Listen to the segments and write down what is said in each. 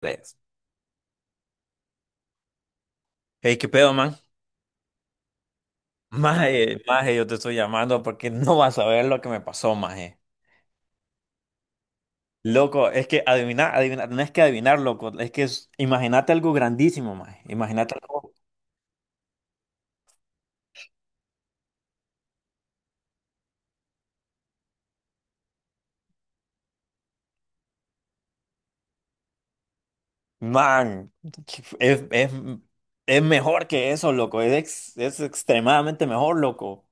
Tres. Hey, ¿qué pedo, man? Maje, yo te estoy llamando porque no vas a ver lo que me pasó, maje. Loco, es que adivinar, adivinar, no es que adivinar, loco, imagínate algo grandísimo, maje. Imagínate algo, man, es, es, es mejor que eso, loco, es extremadamente mejor, loco.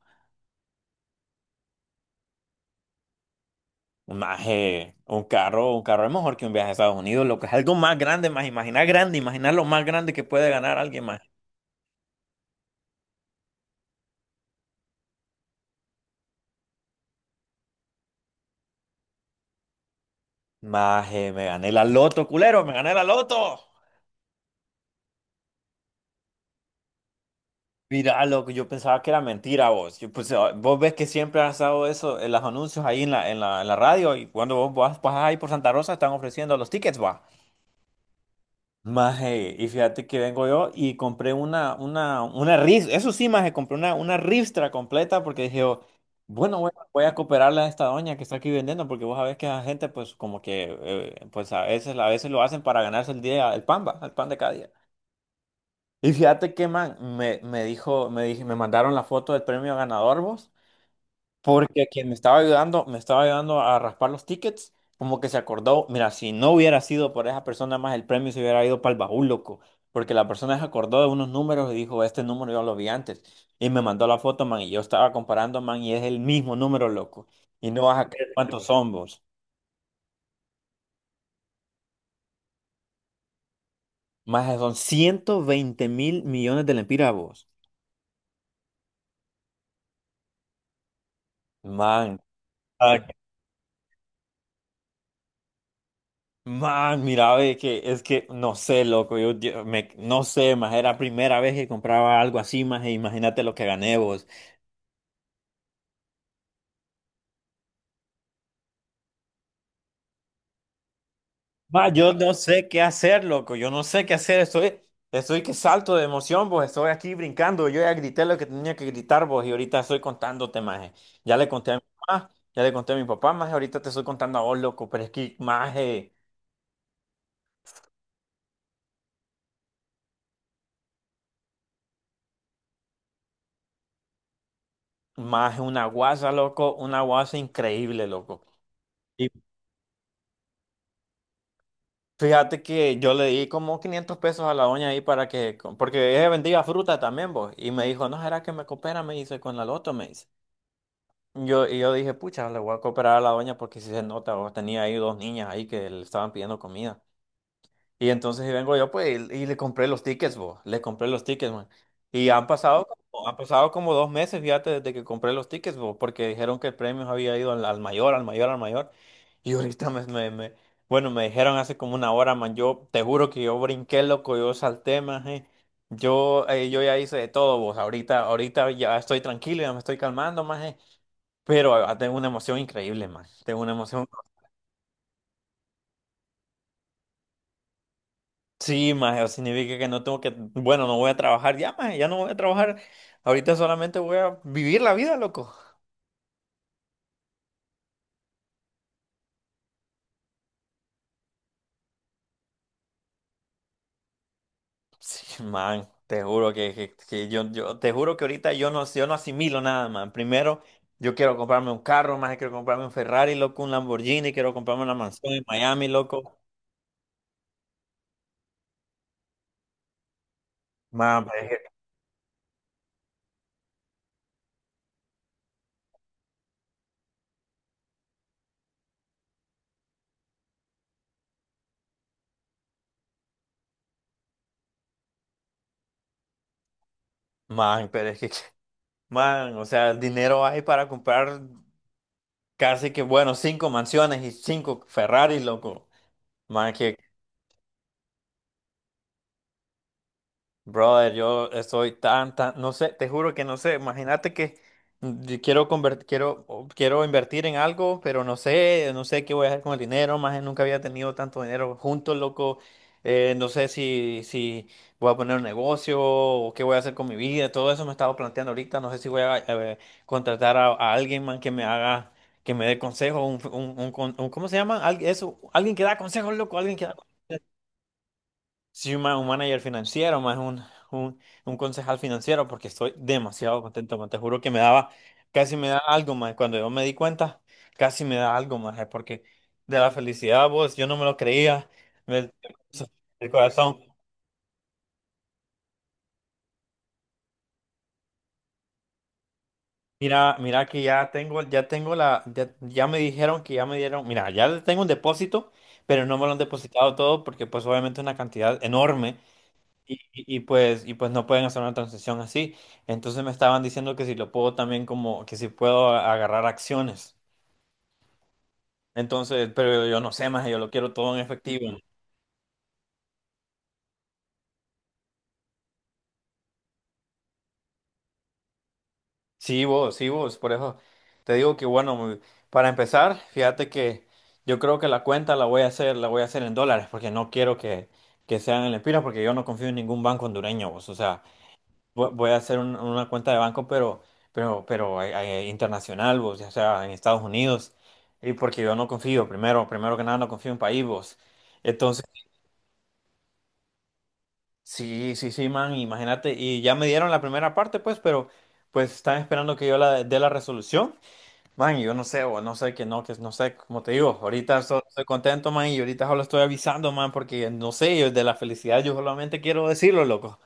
Maje, un carro es mejor que un viaje a Estados Unidos, loco, es algo más grande, maje. Imaginar grande, imaginar lo más grande que puede ganar alguien, maje. Maje, me gané la loto, culero, me gané la loto. Mira, loco, yo pensaba que era mentira vos. Yo, pues, ah, vos ves que siempre han estado eso en los anuncios ahí en la radio y cuando vos vas, pasas ahí por Santa Rosa están ofreciendo los tickets, va. Maje, y fíjate que vengo yo y compré eso sí, maje, compré una ristra completa porque dije, yo, bueno, voy a cooperarle a esta doña que está aquí vendiendo porque vos sabés que la gente pues como que, pues a veces lo hacen para ganarse el día, el pan, va, el pan de cada día. Y fíjate que, man, me dijo, me dije, me mandaron la foto del premio ganador, vos, porque quien me estaba ayudando a raspar los tickets, como que se acordó, mira, si no hubiera sido por esa persona más el premio se hubiera ido para el baúl, loco, porque la persona se acordó de unos números y dijo, este número yo lo vi antes, y me mandó la foto, man, y yo estaba comparando, man, y es el mismo número, loco, y no vas a creer cuántos son, vos, más son 120,000,000,000 lempiras, vos, man. Man, mira, ve que es que no sé, loco, no sé, más era la primera vez que compraba algo así, más imagínate lo que gané vos. Más, yo no sé qué hacer, loco, yo no sé qué hacer, estoy que salto de emoción, vos, estoy aquí brincando, yo ya grité lo que tenía que gritar, vos, y ahorita estoy contándote, más. Ya le conté a mi mamá, ya le conté a mi papá, más ahorita te estoy contando a vos, loco, pero es que más, más una guasa, loco, una guasa increíble, loco. Fíjate que yo le di como 500 pesos a la doña ahí para que, porque ella vendía fruta también, vos. Y me dijo, no, ¿será que me coopera? Me dice, con la loto, me dice. Yo, y yo dije, pucha, le voy a cooperar a la doña porque si se nota, vos tenía ahí dos niñas ahí que le estaban pidiendo comida. Y entonces y vengo yo, pues, y le compré los tickets, vos. Le compré los tickets, man. Y han pasado, han pasado como 2 meses, fíjate, desde que compré los tickets, vos, porque dijeron que el premio había ido al, al mayor, al mayor. Y ahorita bueno, me dijeron hace como una hora, man. Yo te juro que yo brinqué, loco, yo salté, man. Yo, yo ya hice de todo, vos. Ahorita ya estoy tranquilo, ya me estoy calmando, man. Pero tengo una emoción increíble, man. Tengo una emoción. Sí, maje, o significa que no tengo que, bueno, no voy a trabajar ya, maje, ya no voy a trabajar. Ahorita solamente voy a vivir la vida, loco. Sí, man, te juro que te juro que ahorita yo no asimilo nada, man. Primero, yo quiero comprarme un carro, maje, quiero comprarme un Ferrari, loco, un Lamborghini, quiero comprarme una mansión en Miami, loco. Man, pero es que, man, pero es que, man, o sea, el dinero hay para comprar casi que, bueno, cinco mansiones y cinco Ferraris, loco. Man, brother, yo estoy tan, no sé, te juro que no sé. Imagínate que yo quiero conver- quiero, o- quiero invertir en algo, pero no sé, no sé qué voy a hacer con el dinero. Más nunca había tenido tanto dinero juntos loco. No sé si voy a poner un negocio o qué voy a hacer con mi vida. Todo eso me estaba planteando ahorita. No sé si voy a contratar a alguien, man, que me haga, que me dé consejos. ¿Cómo se llama? Eso, alguien que da consejos, loco, alguien que da. Sí, un manager financiero, más un, un concejal financiero, porque estoy demasiado contento, man. Te juro que me daba, casi me da algo más. Cuando yo me di cuenta, casi me da algo más, porque de la felicidad, vos, yo no me lo creía. Me- el corazón. Mira, mira que ya tengo la, ya, ya me dijeron que ya me dieron, mira, ya tengo un depósito, pero no me lo han depositado todo porque pues obviamente es una cantidad enorme. Y pues no pueden hacer una transición así. Entonces me estaban diciendo que si lo puedo también como, que si puedo a- agarrar acciones. Entonces, pero yo no sé más, yo lo quiero todo en efectivo. Sí, vos, por eso te digo que bueno, para empezar, fíjate que yo creo que la voy a hacer en dólares, porque no quiero que sean en lempiras, porque yo no confío en ningún banco hondureño, vos. O sea, voy a hacer una cuenta de banco, pero internacional, vos, o sea, en Estados Unidos. Y porque yo no confío, primero que nada, no confío en país, vos. Entonces, sí, man, imagínate. Y ya me dieron la primera parte, pues, pero pues están esperando que yo la dé la resolución. Man, y yo no sé, o no sé que no sé, como te digo, estoy contento, man, y ahorita solo estoy avisando, man, porque no sé, yo de la felicidad yo solamente quiero decirlo, loco.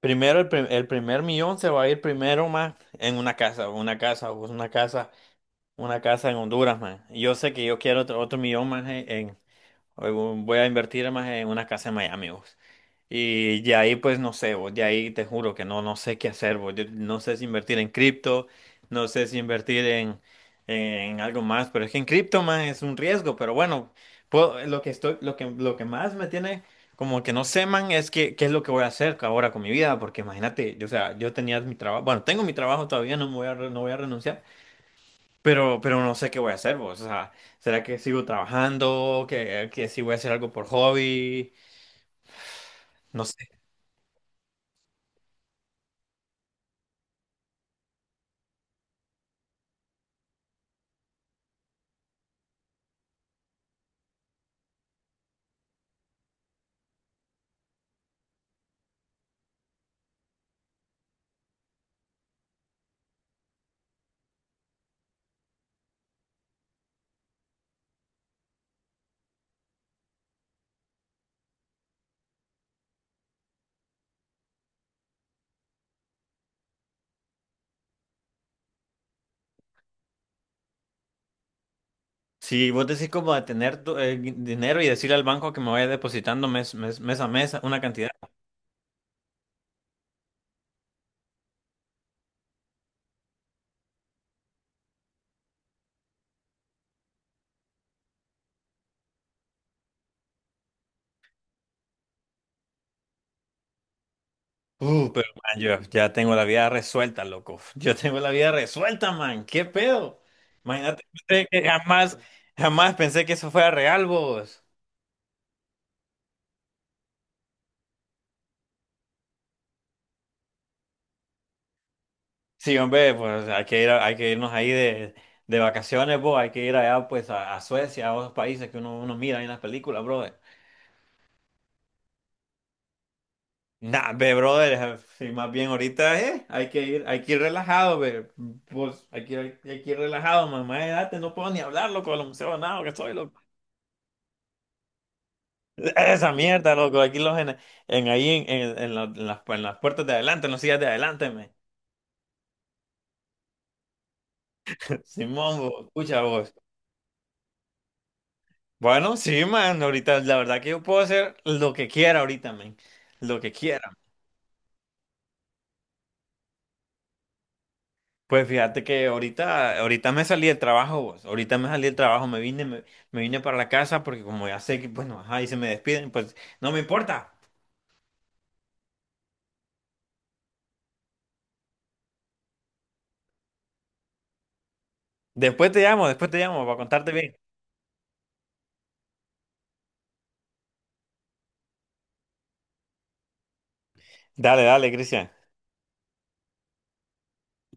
Primero, el primer millón se va a ir primero, más en una casa, una casa en Honduras, man. Y yo sé que yo quiero otro millón más voy a invertir más en una casa en Miami, pues. Y ya ahí, pues no sé, vos, ya ahí te juro que no sé qué hacer, vos. Yo no sé si invertir en cripto, no sé si invertir en algo más, pero es que en cripto más es un riesgo, pero bueno, lo que estoy, lo que más me tiene como que no sé, man, es que qué es lo que voy a hacer ahora con mi vida, porque imagínate, yo, o sea, yo tenía mi trabajo, bueno, tengo mi trabajo todavía, no me voy a, re- no voy a renunciar, pero no sé qué voy a hacer, vos, o sea, ¿será que sigo trabajando? Que si voy a hacer algo por hobby? No sé. Si vos decís como de tener dinero y decirle al banco que me vaya depositando mes a mes una cantidad. Pero man, yo ya tengo la vida resuelta, loco. Yo tengo la vida resuelta, man. ¿Qué pedo? Imagínate pensé que jamás, jamás pensé que eso fuera real, vos. Sí, hombre, pues hay que ir, hay que irnos ahí de vacaciones, vos. Hay que ir allá, pues, a Suecia, a otros países que uno mira ahí en las películas, bro. Nah, ve, brother, si más bien ahorita hay que ir relajado, ve, pues, hay que ir relajado, mamá, de edad, no puedo ni hablar, loco, de los museos, nada, que estoy, loco. Esa mierda, loco, aquí los en ahí, en la- en las puertas de adelante, en las sillas de adelante, me. Simón, vos, escucha vos. Bueno, sí, man, ahorita, la verdad que yo puedo hacer lo que quiera ahorita, man, lo que quiera. Pues fíjate que ahorita me salí del trabajo, vos. Ahorita me salí del trabajo, me vine para la casa porque como ya sé que, bueno, ajá, y se me despiden, pues no me importa. Después te llamo para contarte bien. Dale, dale, Cristian.